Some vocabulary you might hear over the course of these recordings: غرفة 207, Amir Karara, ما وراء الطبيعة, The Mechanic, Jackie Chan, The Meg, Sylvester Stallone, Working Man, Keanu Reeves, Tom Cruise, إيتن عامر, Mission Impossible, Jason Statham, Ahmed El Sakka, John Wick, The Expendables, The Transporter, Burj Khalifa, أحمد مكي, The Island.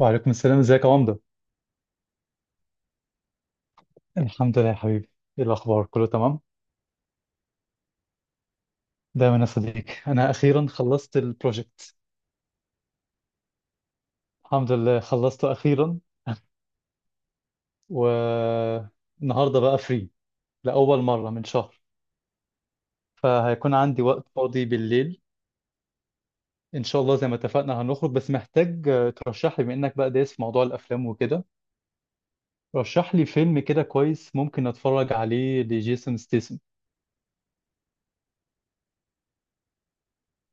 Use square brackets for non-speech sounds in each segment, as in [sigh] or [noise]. وعليكم السلام، ازيك يا عمدة؟ الحمد لله يا حبيبي. ايه الاخبار؟ كله تمام؟ دايما يا صديقي، انا اخيرا خلصت البروجكت. الحمد لله خلصته اخيرا. والنهارده بقى فري لاول مرة من شهر، فهيكون عندي وقت فاضي بالليل. ان شاء الله زي ما اتفقنا هنخرج، بس محتاج ترشح لي، بما انك بقى دايس في موضوع الافلام وكده، رشح لي فيلم كده كويس ممكن اتفرج عليه لجيسون ستيسن.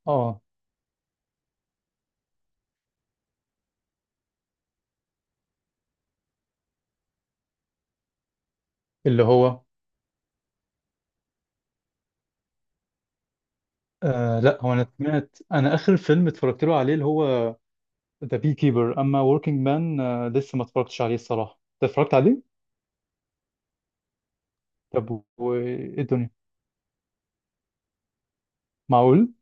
اه، اللي هو... لا، هو انا سمعت، انا اخر فيلم اتفرجت له عليه اللي هو ذا بي كيبر، اما وركينج مان لسه ما اتفرجتش عليه الصراحه. انت اتفرجت عليه؟ طب وايه الدنيا؟ معقول؟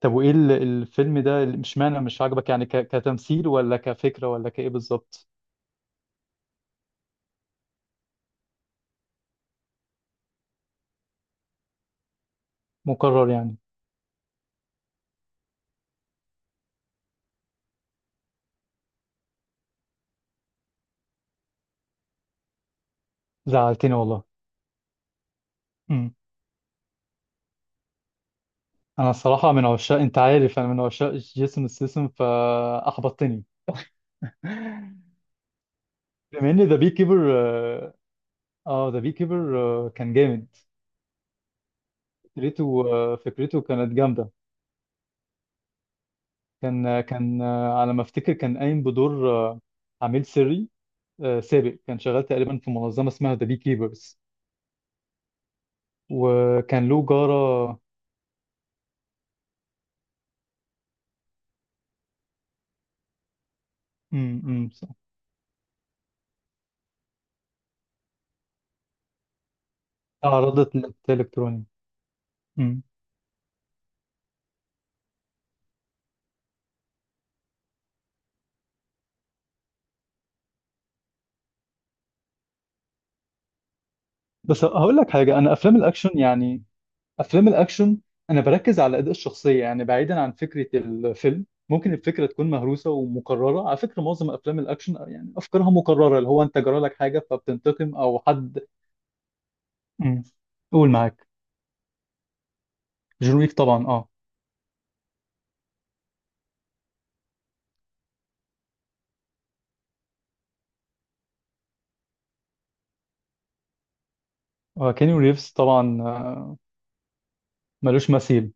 طب وايه الفيلم ده مش معنى، مش عاجبك يعني كتمثيل، ولا كفكره، ولا كايه بالظبط؟ مكرر يعني؟ زعلتني والله. امم انا الصراحه من عشاق، انت عارف انا من عشاق جيسون ستاثام، فاحبطتني. [laughs] بما ان ذا بي كيبر، اه، ذا بي كيبر كان جامد. فكرته، فكرته كانت جامده. كان على ما افتكر، كان قايم بدور عميل سري سابق، كان شغال تقريبا في منظمه اسمها ذا بي كيبرز. وكان له جاره. مم، مم، صح. تعرضت لقتال الكتروني. مم. بس هقول لك حاجه، انا افلام الاكشن يعني، افلام الاكشن انا بركز على اداء الشخصيه، يعني بعيدا عن فكره الفيلم ممكن الفكره تكون مهروسه ومكرره. على فكره معظم افلام الاكشن يعني افكارها مكرره، اللي هو انت جرى لك حاجه فبتنتقم او حد. مم. قول معاك. جون ويك طبعا، اه، كينيو ريفز طبعا ملوش مثيل.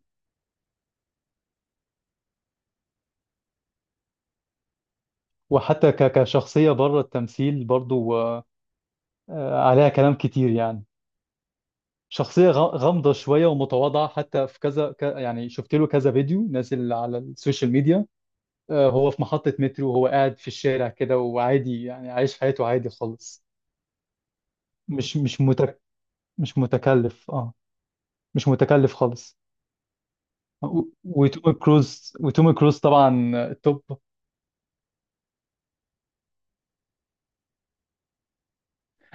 وحتى كشخصية بره التمثيل برضو عليها كلام كتير يعني. شخصية غامضة شوية، ومتواضعة حتى في كذا يعني شفت له كذا فيديو نازل على السوشيال ميديا. هو في محطة مترو، وهو قاعد في الشارع كده، وعادي يعني عايش حياته عادي خالص. مش مش متك مش متكلف، اه، مش متكلف خالص. وتوم كروز طبعا، توب.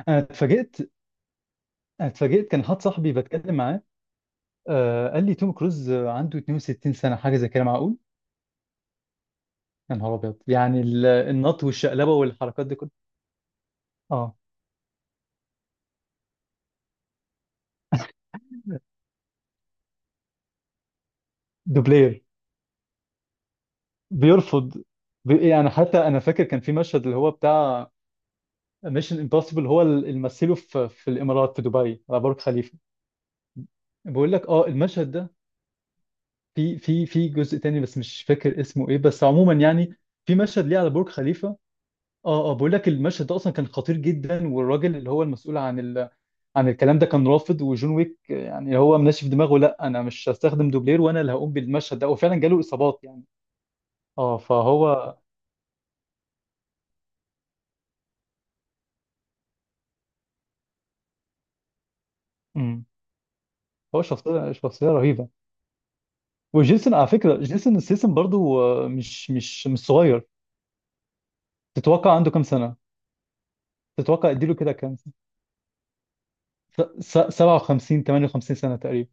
انا اتفاجئت. انا اتفاجئت، كان حد صاحبي بتكلم معاه، آه قال لي توم كروز عنده 62 سنة، حاجة زي كده، معقول؟ يا نهار أبيض، يعني النط والشقلبة والحركات دي كلها. اه، دوبلير. بيرفض. يعني حتى أنا فاكر كان في مشهد اللي هو بتاع ميشن امبوسيبل، هو اللي مثله في الإمارات، في دبي، على برج خليفة. بقول لك اه، المشهد ده في جزء تاني، بس مش فاكر اسمه ايه، بس عموما يعني في مشهد ليه على برج خليفة. اه اه، بقول لك المشهد ده اصلا كان خطير جدا، والراجل اللي هو المسؤول عن ال... عن الكلام ده كان رافض، وجون ويك يعني هو منشف دماغه، لا انا مش هستخدم دوبلير، وانا اللي هقوم بالمشهد ده، وفعلا جاله اصابات يعني. اه فهو... امم هو شخصيه رهيبه. وجيسون على فكره، جيسون ستاثام برضو مش صغير. تتوقع عنده كام سنه؟ تتوقع اديله كده كام سنه؟ 57 58 سنه تقريبا.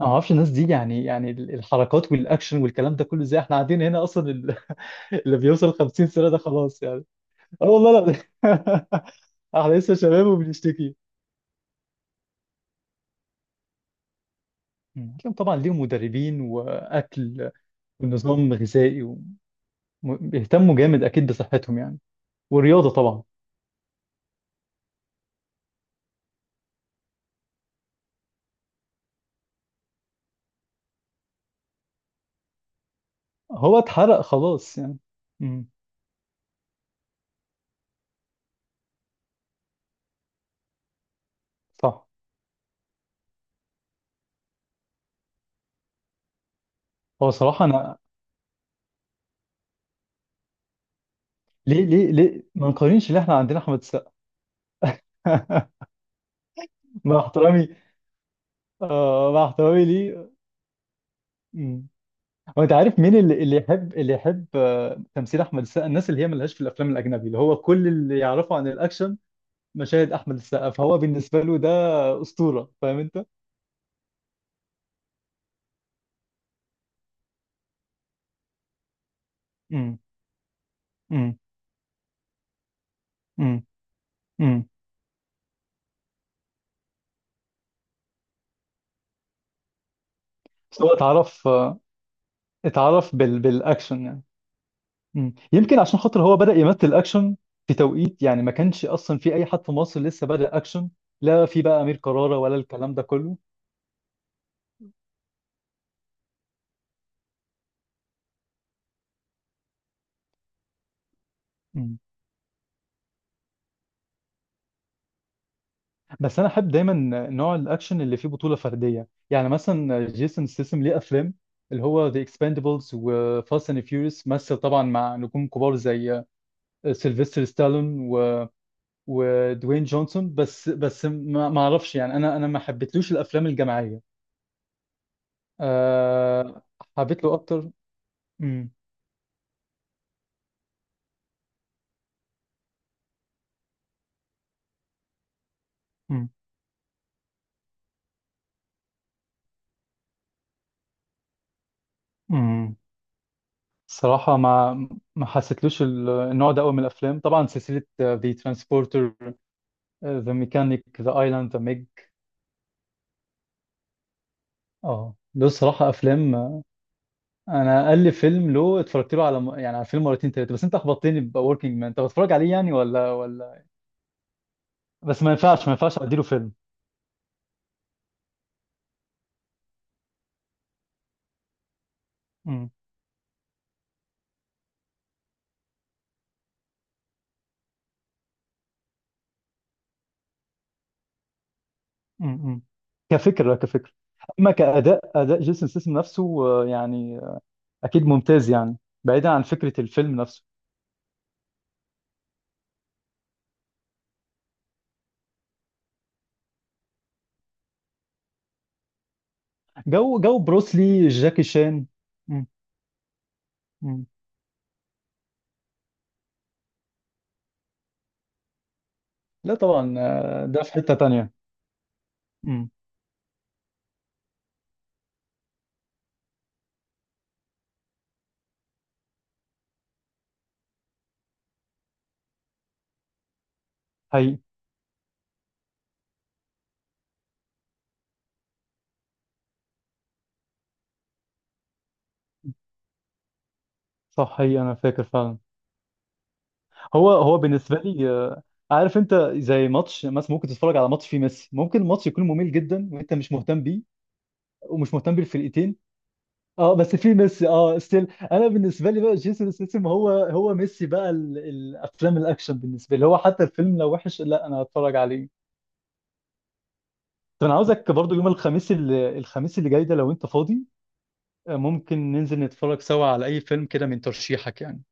أنا ما اعرفش الناس دي يعني، يعني الحركات والاكشن والكلام ده كله ازاي؟ احنا قاعدين هنا اصلا [laughs] اللي بيوصل 50 سنه ده خلاص يعني. اه والله. لا. [laughs] احنا لسه شباب وبنشتكي. لكن طبعا ليهم مدربين واكل ونظام غذائي، وبيهتموا جامد اكيد بصحتهم يعني. والرياضه طبعا. هو اتحرق خلاص يعني. مم. صح. هو صراحه انا... ليه ليه ليه ما نقارنش؟ اللي احنا عندنا احمد السقا. [laughs] مع احترامي، مع احترامي ليه. مم. هو انت عارف مين اللي يحب، اللي يحب تمثيل احمد السقا؟ الناس اللي هي ملهاش في الافلام الاجنبي، اللي هو كل اللي يعرفه عن الاكشن مشاهد احمد السقا، فهو بالنسبه له ده اسطوره، فاهم انت؟ امم امم امم امم بس هو اتعرف، اتعرف بالاكشن يعني. يمكن عشان خاطر هو بدأ يمثل اكشن في توقيت يعني ما كانش اصلا في اي حد في مصر لسه بدأ اكشن. لا، في بقى امير كرارة ولا الكلام ده كله. بس انا احب دايما نوع الاكشن اللي فيه بطوله فرديه. يعني مثلا جيسون ستاثام ليه افلام اللي هو ذا اكسباندبلز وفاست اند فيوريوس، مثل طبعا مع نجوم كبار زي سيلفستر ستالون و... ودوين جونسون، بس بس ما اعرفش يعني، انا ما حبيتلوش الافلام الجماعيه. أه... حبيت له اكتر. امم امم امم صراحه ما حسيتلوش النوع ده قوي من الافلام. طبعا سلسله ذا ترانسبورتر، ذا ميكانيك، ذا ايلاند، ذا ميج. اه، ده الصراحة أفلام. أنا أقل فيلم له اتفرجت له على يعني على فيلم مرتين تلاتة، بس أنت أخبطتني بوركينج مان، أنت بتتفرج عليه يعني ولا ولا... بس ما ينفعش، ما ينفعش أديله فيلم. امم امم كفكرة، كفكرة. أما كأداء، أداء جيسون سيسم نفسه يعني أكيد ممتاز يعني، بعيدا عن فكرة الفيلم نفسه. جو بروسلي، جاكي شان. مم. مم. لا طبعا، ده في حتة تانية. مم. حقيقي. صح، حقيقي أنا فاكر فعلا. هو بالنسبه لي عارف انت زي ماتش مثلا، ممكن تتفرج على ماتش فيه ميسي، ممكن الماتش يكون ممل جدا وانت مش مهتم بيه ومش مهتم بالفرقتين، اه، بس فيه ميسي اه ستيل. انا بالنسبه لي بقى جيسون ستاثام هو هو ميسي بقى، الافلام الاكشن بالنسبه لي، هو حتى الفيلم لو وحش لا انا هتفرج عليه. طب انا عاوزك برضو يوم الخميس، الخميس اللي جاي ده، لو انت فاضي، ممكن ننزل نتفرج سوا على اي فيلم كده من ترشيحك يعني.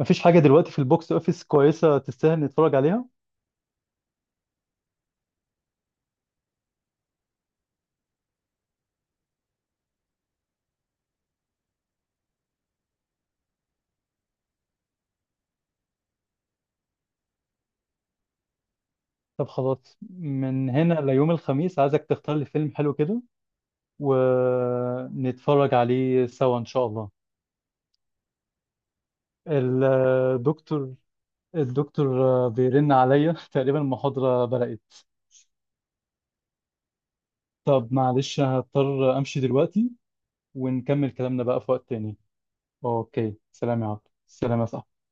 مفيش حاجه دلوقتي في البوكس اوفيس كويسه تستاهل نتفرج عليها؟ طب خلاص، من هنا ليوم الخميس عايزك تختار لي فيلم حلو كده، ونتفرج عليه سوا إن شاء الله. الدكتور الدكتور بيرن عليا، [laughs] تقريبا المحاضرة بدأت. طب معلش هضطر أمشي دلوقتي، ونكمل كلامنا بقى في وقت تاني. أوكي، سلام يا عبد، سلام يا صاحبي.